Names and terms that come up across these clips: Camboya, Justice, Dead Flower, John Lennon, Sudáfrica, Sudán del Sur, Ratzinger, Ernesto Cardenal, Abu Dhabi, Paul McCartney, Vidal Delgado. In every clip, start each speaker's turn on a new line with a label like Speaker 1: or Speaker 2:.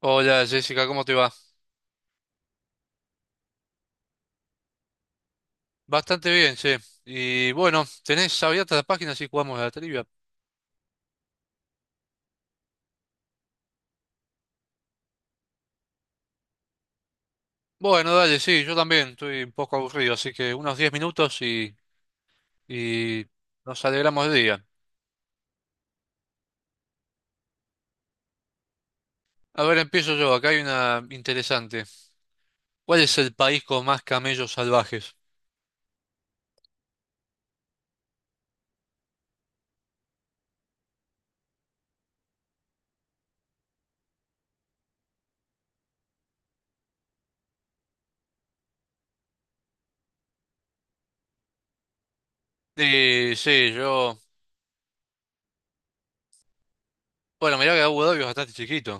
Speaker 1: Hola Jessica, ¿cómo te va? Bastante bien, sí. Y bueno, ¿tenés abierta la página si jugamos a la trivia? Bueno, dale, sí, yo también estoy un poco aburrido, así que unos 10 minutos y nos alegramos del día. A ver, empiezo yo, acá hay una interesante. ¿Cuál es el país con más camellos salvajes? Sí, sí, yo... Bueno, mirá que Abu Dhabi es bastante chiquito.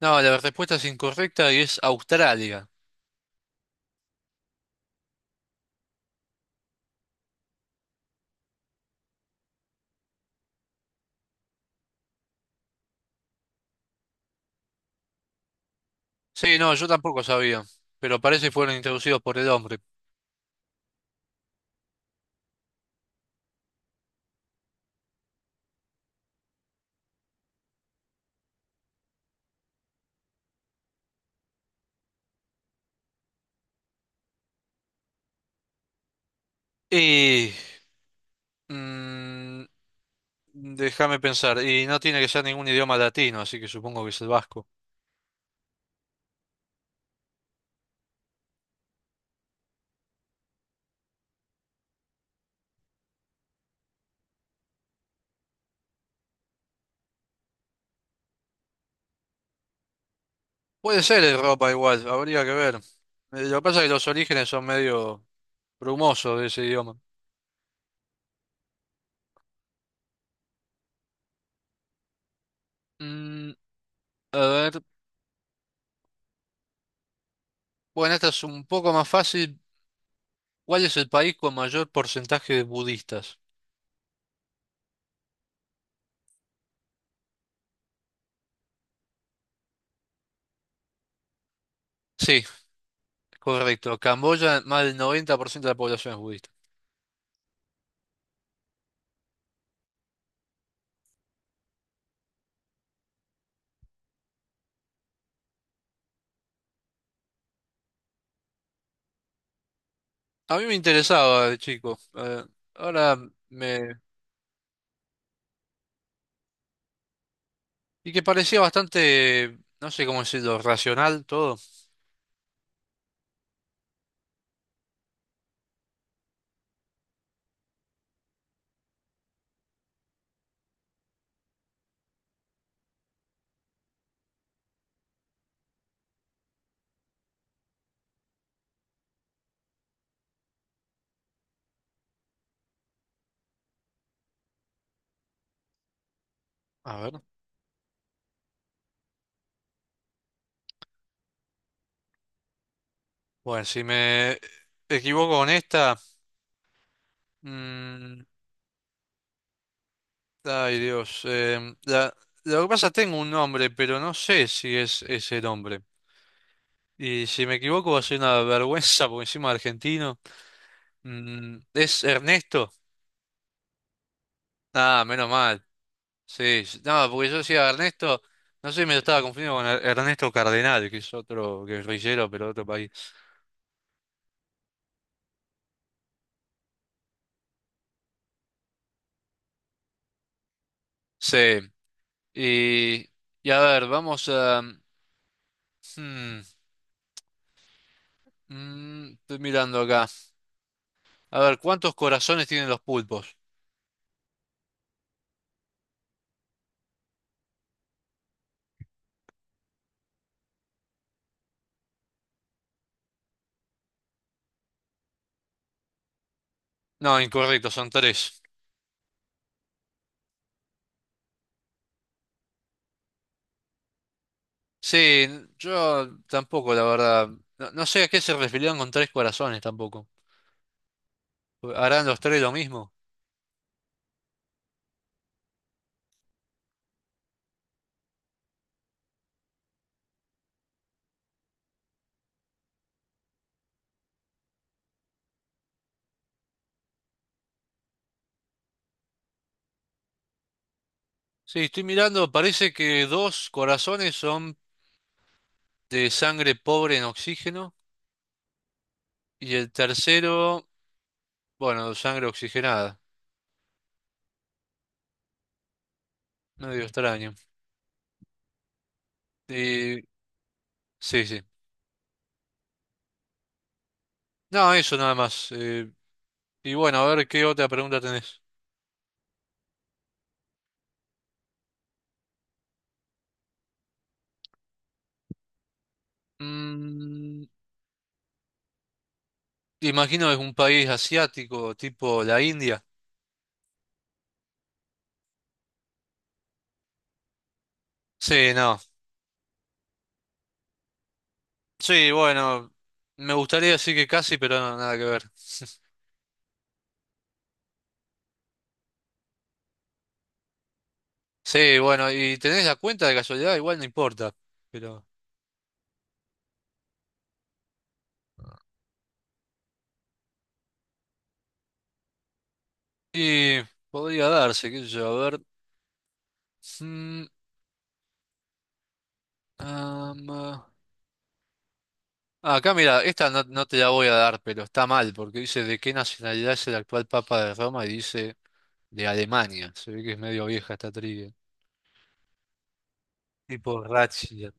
Speaker 1: No, la respuesta es incorrecta y es Australia. Sí, no, yo tampoco sabía, pero parece que fueron introducidos por el hombre. Y... mm, Déjame pensar. Y no tiene que ser ningún idioma latino, así que supongo que es el vasco. Puede ser el Europa igual, habría que ver. Lo que pasa es que los orígenes son medio brumosos de ese idioma. Mm, a ver, bueno, esta es un poco más fácil. ¿Cuál es el país con mayor porcentaje de budistas? Sí, correcto. Camboya, más del 90% de la población es budista. A mí me interesaba de chico. Ahora me... Y que parecía bastante, no sé cómo decirlo, racional todo. A ver. Bueno, si me equivoco con esta, mm, ay Dios, lo que pasa, tengo un nombre, pero no sé si es ese nombre. Y si me equivoco va a ser una vergüenza, porque encima es argentino. ¿Es Ernesto? Ah, menos mal. Sí, no, porque yo decía Ernesto, no sé, me lo estaba confundiendo con Ernesto Cardenal, que es otro guerrillero, pero de otro país. Sí, y, y a ver, vamos a... hmm, estoy mirando acá. A ver, ¿cuántos corazones tienen los pulpos? No, incorrecto, son tres. Sí, yo tampoco, la verdad. No, no sé a qué se referían con tres corazones tampoco. ¿Harán los tres lo mismo? Sí, estoy mirando, parece que dos corazones son de sangre pobre en oxígeno y el tercero, bueno, sangre oxigenada. Medio extraño. Y, sí, sí. No, eso nada más. Y bueno, a ver qué otra pregunta tenés. Mm, Imagino que es un país asiático, tipo la India. Sí, no. Sí, bueno, me gustaría decir que casi, pero no, nada que ver. Sí, bueno, y tenés la cuenta de casualidad, igual no importa. Pero. Y podría darse, qué sé yo, a ver. Mm, ah, acá mira, esta no, no te la voy a dar, pero está mal, porque dice de qué nacionalidad es el actual Papa de Roma y dice de Alemania. Se ve que es medio vieja esta trivia. Tipo Ratzinger.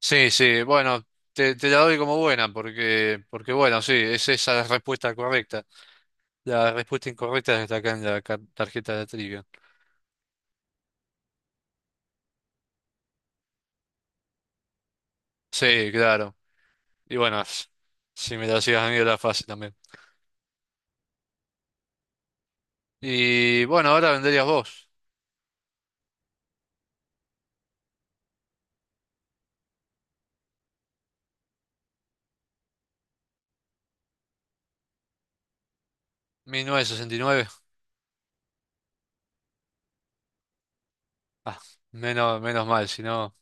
Speaker 1: Sí, sí, bueno, te la doy como buena porque, bueno, sí, es esa la respuesta correcta. La respuesta incorrecta está acá en la tarjeta de trivia. Sí, claro. Y bueno, si me la hacías a mí era fácil también. Y bueno, ahora venderías vos. 1969. Ah, menos mal, si no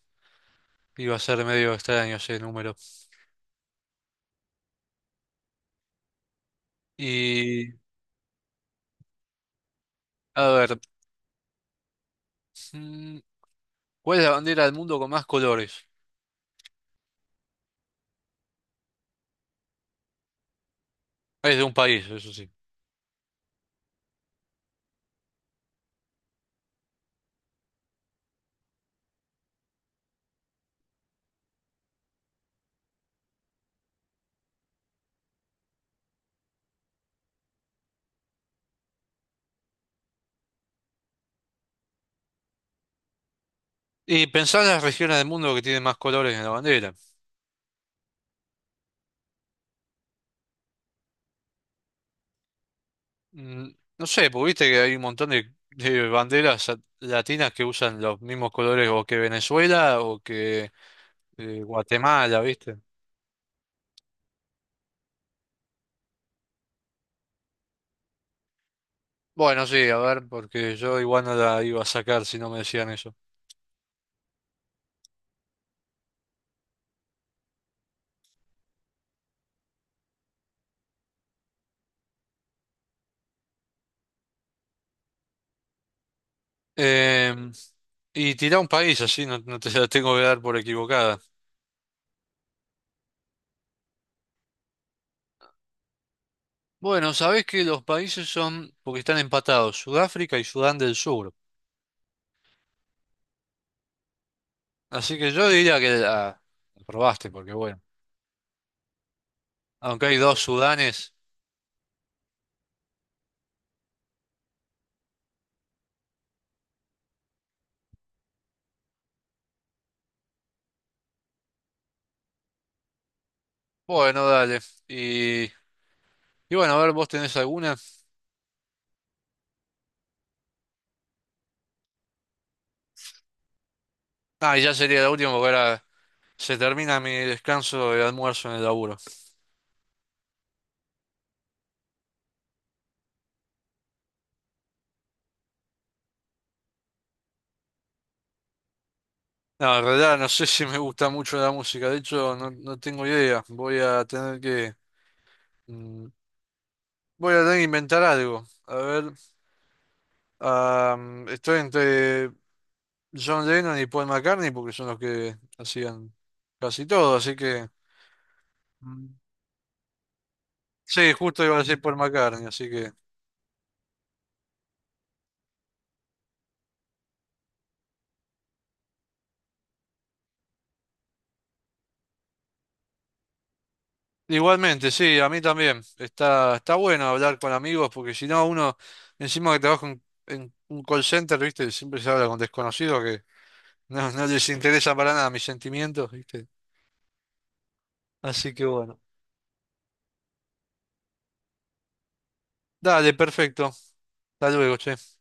Speaker 1: iba a ser medio extraño ese número. Y a ver, mm, ¿cuál es la bandera del mundo con más colores? Es de un país, eso sí. Y pensá en las regiones del mundo que tienen más colores en la bandera. Mm, No sé, porque viste que hay un montón de banderas latinas que usan los mismos colores o que Venezuela o que Guatemala, ¿viste? Bueno, sí, a ver, porque yo igual no la iba a sacar si no me decían eso. Em, y tirá un país así, no, no te la tengo que dar por equivocada. Bueno, sabés que los países son, porque están empatados, Sudáfrica y Sudán del Sur. Así que yo diría que la probaste, porque bueno, aunque hay dos Sudanes, bueno, dale. y Y bueno, a ver, ¿vos tenés alguna? Ah, y ya sería la última porque ahora se termina mi descanso de almuerzo en el laburo. No, en realidad no sé si me gusta mucho la música, de hecho no, no tengo idea. Voy a tener que... mm, voy a tener que inventar algo. A ver, ah, estoy entre John Lennon y Paul McCartney porque son los que hacían casi todo, así que... Mm. Sí, justo iba a decir Paul McCartney, así que... Igualmente, sí, a mí también. Está bueno hablar con amigos porque si no, uno, encima que trabaja en un call center, ¿viste? Siempre se habla con desconocidos que no, no les interesa para nada mis sentimientos, ¿viste? Así que bueno. Dale, perfecto. Hasta luego, che.